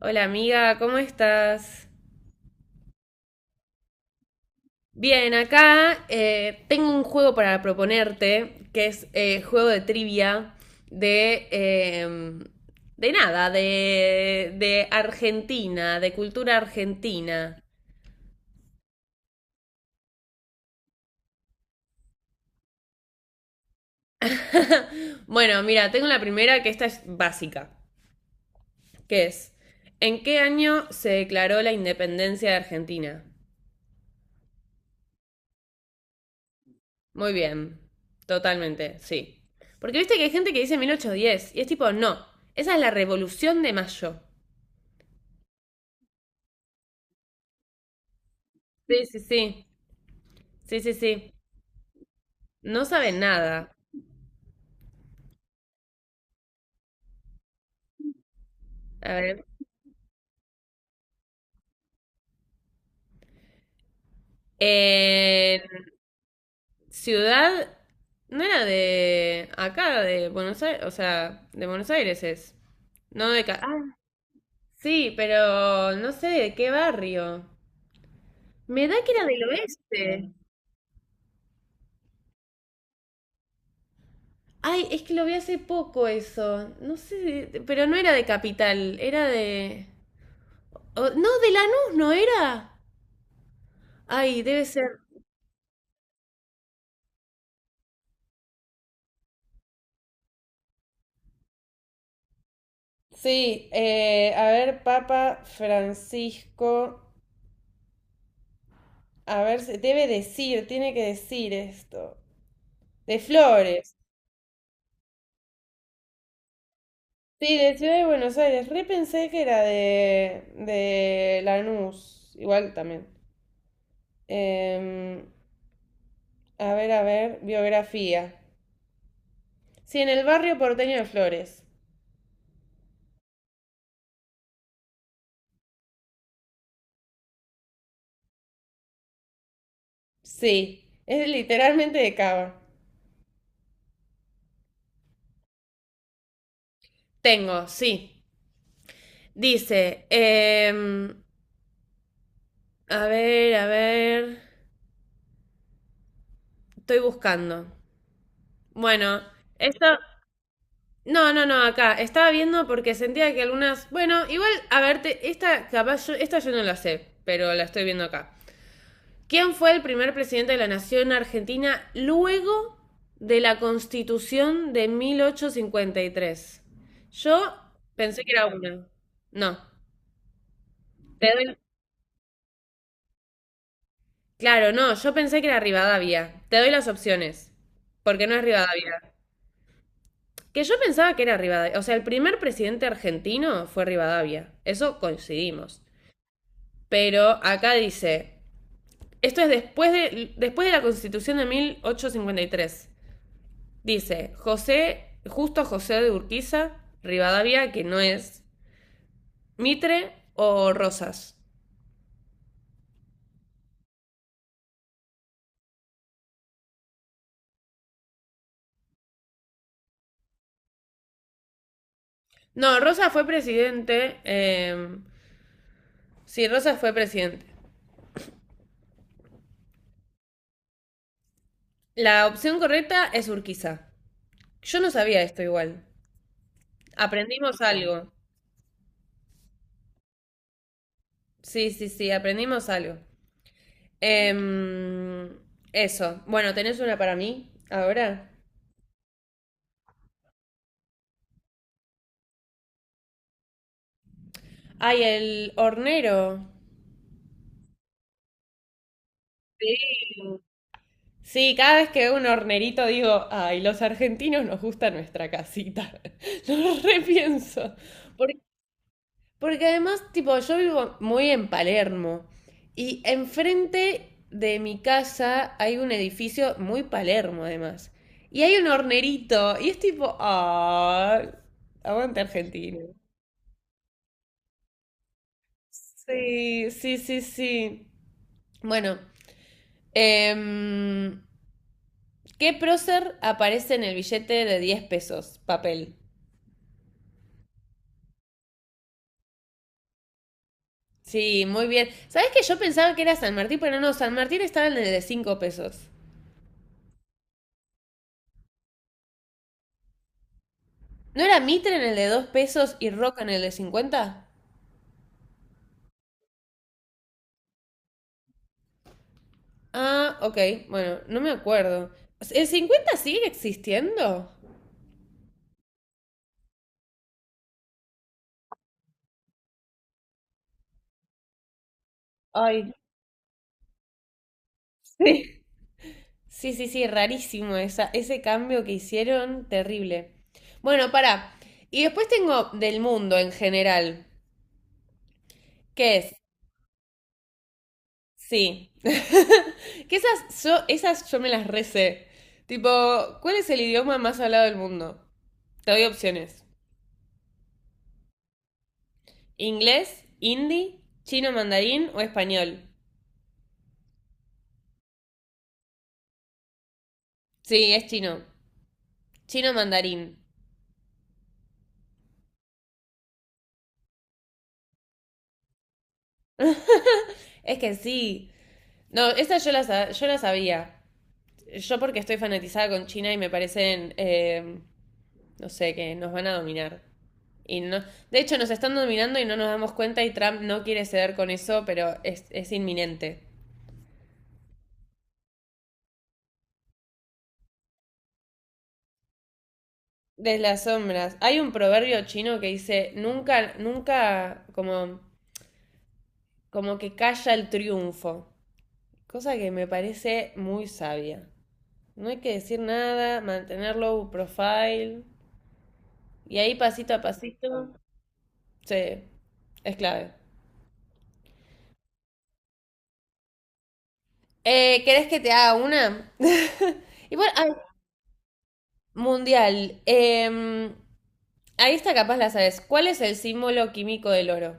Hola amiga, ¿cómo estás? Bien, acá tengo un juego para proponerte, que es juego de trivia de... eh, de nada, de Argentina, de cultura argentina. Bueno, mira, tengo la primera, que esta es básica, que es, ¿en qué año se declaró la independencia de Argentina? Muy bien, totalmente, sí. Porque viste que hay gente que dice 1810 y es tipo, no, esa es la revolución de mayo. Sí, sí, sí. Sí, sí, sí. No sabe nada. A ver. Eh, ciudad. No era de acá, de Buenos Aires. O sea, de Buenos Aires es. No de acá. Ah, sí, pero no sé de qué barrio. Me da que era del oeste. Ay, es que lo vi hace poco eso. No sé, pero no era de capital. Era de, no, de Lanús, no era. Ay, debe ser. Sí, a ver, Papa Francisco, a ver, debe decir, tiene que decir esto. De Flores. Sí, de Ciudad de Buenos Aires. Repensé que era de Lanús, igual también. Em, a ver, a ver, biografía. Sí, en el barrio porteño de Flores. Sí, es literalmente de Cava. Tengo, sí. Dice, a ver, estoy buscando. Bueno, esto. No, no, no, acá. Estaba viendo porque sentía que algunas. Bueno, igual, a verte, esta capaz yo, esta yo no la sé, pero la estoy viendo acá. ¿Quién fue el primer presidente de la nación argentina luego de la Constitución de 1853? Yo pensé que era una. No. Te doy. Claro, no, yo pensé que era Rivadavia. Te doy las opciones, porque no es Rivadavia. Que yo pensaba que era Rivadavia. O sea, el primer presidente argentino fue Rivadavia. Eso coincidimos. Pero acá dice, esto es después de la constitución de mil ochocientos cincuenta y tres. Dice, José, justo José de Urquiza, Rivadavia, que no es Mitre o Rosas. No, Rosas fue presidente. Sí, Rosas fue presidente. La opción correcta es Urquiza. Yo no sabía esto igual. Aprendimos algo. Sí, sí, sí, aprendimos algo. Em, eso. Bueno, ¿tenés una para mí ahora? Ay, el hornero. Sí, cada vez que veo un hornerito digo, ay, los argentinos nos gusta nuestra casita. Lo repienso. Porque, porque además, tipo, yo vivo muy en Palermo y enfrente de mi casa hay un edificio muy Palermo, además. Y hay un hornerito y es tipo, ah, aguante Argentina. Sí, sí, sí, sí. Bueno, em, ¿qué prócer aparece en el billete de 10 pesos? Papel. Sí, muy bien. ¿Sabes que yo pensaba que era San Martín, pero no, San Martín estaba en el de 5 pesos. ¿No era Mitre en el de 2 pesos y Roca en el de 50? Ah, ok, bueno, no me acuerdo. ¿El 50 sigue existiendo? Ay, sí. Sí, sí, sí, rarísimo esa, ese cambio que hicieron, terrible. Bueno, para. Y después tengo del mundo en general, que es. Sí. Que esas yo me las recé. Tipo, ¿cuál es el idioma más hablado del mundo? Te doy opciones. Inglés, hindi, chino mandarín o español. Sí, es chino. Chino mandarín. Es que sí. No, esas yo las sabía. Yo porque estoy fanatizada con China y me parecen, no sé, que nos van a dominar. Y no, de hecho, nos están dominando y no nos damos cuenta y Trump no quiere ceder con eso, pero es inminente. Desde las sombras. Hay un proverbio chino que dice, nunca, nunca, como que calla el triunfo. Cosa que me parece muy sabia. No hay que decir nada, mantener low profile. Y ahí pasito a pasito. Sí, es clave. ¿Querés que te haga una? Y bueno, mundial. Ahí está capaz la sabes. ¿Cuál es el símbolo químico del oro?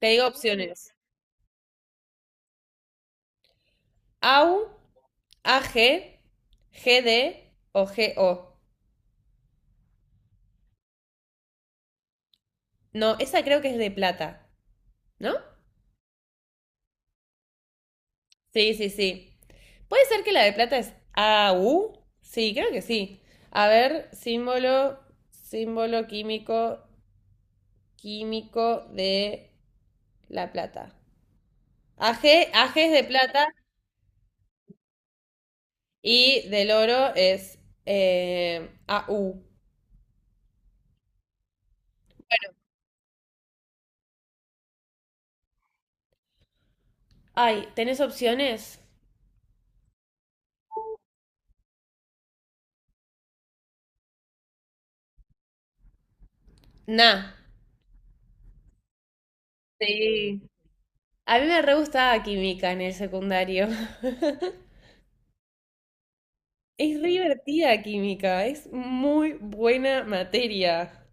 Te digo opciones. Au, AG, GD o GO. No, esa creo que es de plata, ¿no? Sí, sí, sí. ¿Puede ser que la de plata es AU? Sí, creo que sí. A ver, símbolo químico, de la plata. AG, AG es de plata y del oro es AU. Ay, ¿tenés opciones? Na. Sí. A mí me re gustaba química en el secundario. Es re divertida química, es muy buena materia.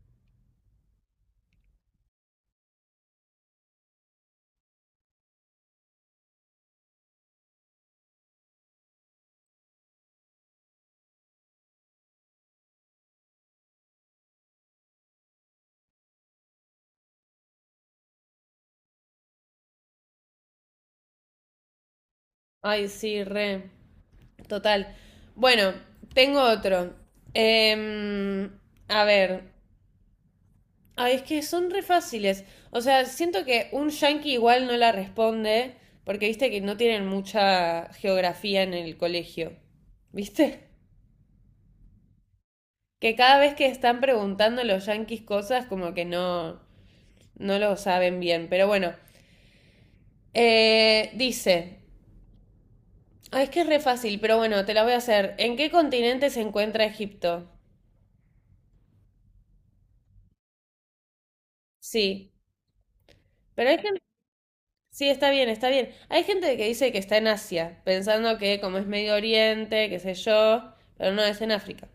Ay, sí, re. Total. Bueno, tengo otro. Em, a ver. Ay, es que son re fáciles. O sea, siento que un yankee igual no la responde, porque viste que no tienen mucha geografía en el colegio. ¿Viste? Que cada vez que están preguntando los yankees cosas, como que no, no lo saben bien. Pero bueno, dice. Ah, es que es re fácil, pero bueno, te la voy a hacer. ¿En qué continente se encuentra Egipto? Sí, pero hay gente. Sí, está bien, está bien. Hay gente que dice que está en Asia, pensando que como es Medio Oriente, qué sé yo, pero no, es en África.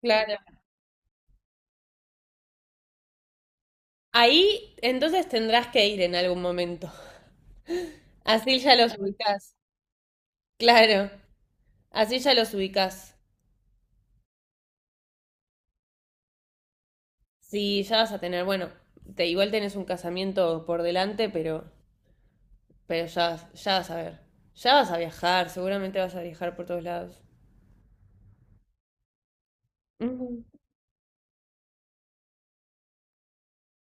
Claro. Ahí entonces tendrás que ir en algún momento. Así ya los ubicás. Claro, así ya los ubicás. Sí, ya vas a tener, bueno, igual tenés un casamiento por delante, pero. Pero ya, ya vas a ver. Ya vas a viajar, seguramente vas a viajar por todos lados. Ujú.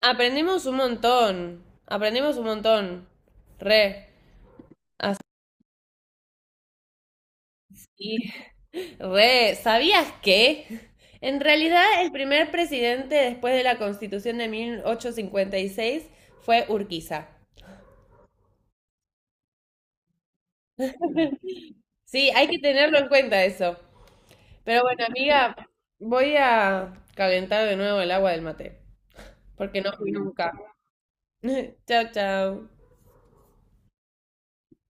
Aprendemos un montón. Aprendemos un montón. Re. Sí. Re, ¿sabías que? En realidad, el primer presidente después de la Constitución de 1856 fue Urquiza. Sí, hay que tenerlo en cuenta eso. Pero bueno, amiga, voy a calentar de nuevo el agua del mate, porque no fui nunca. Chao, chao.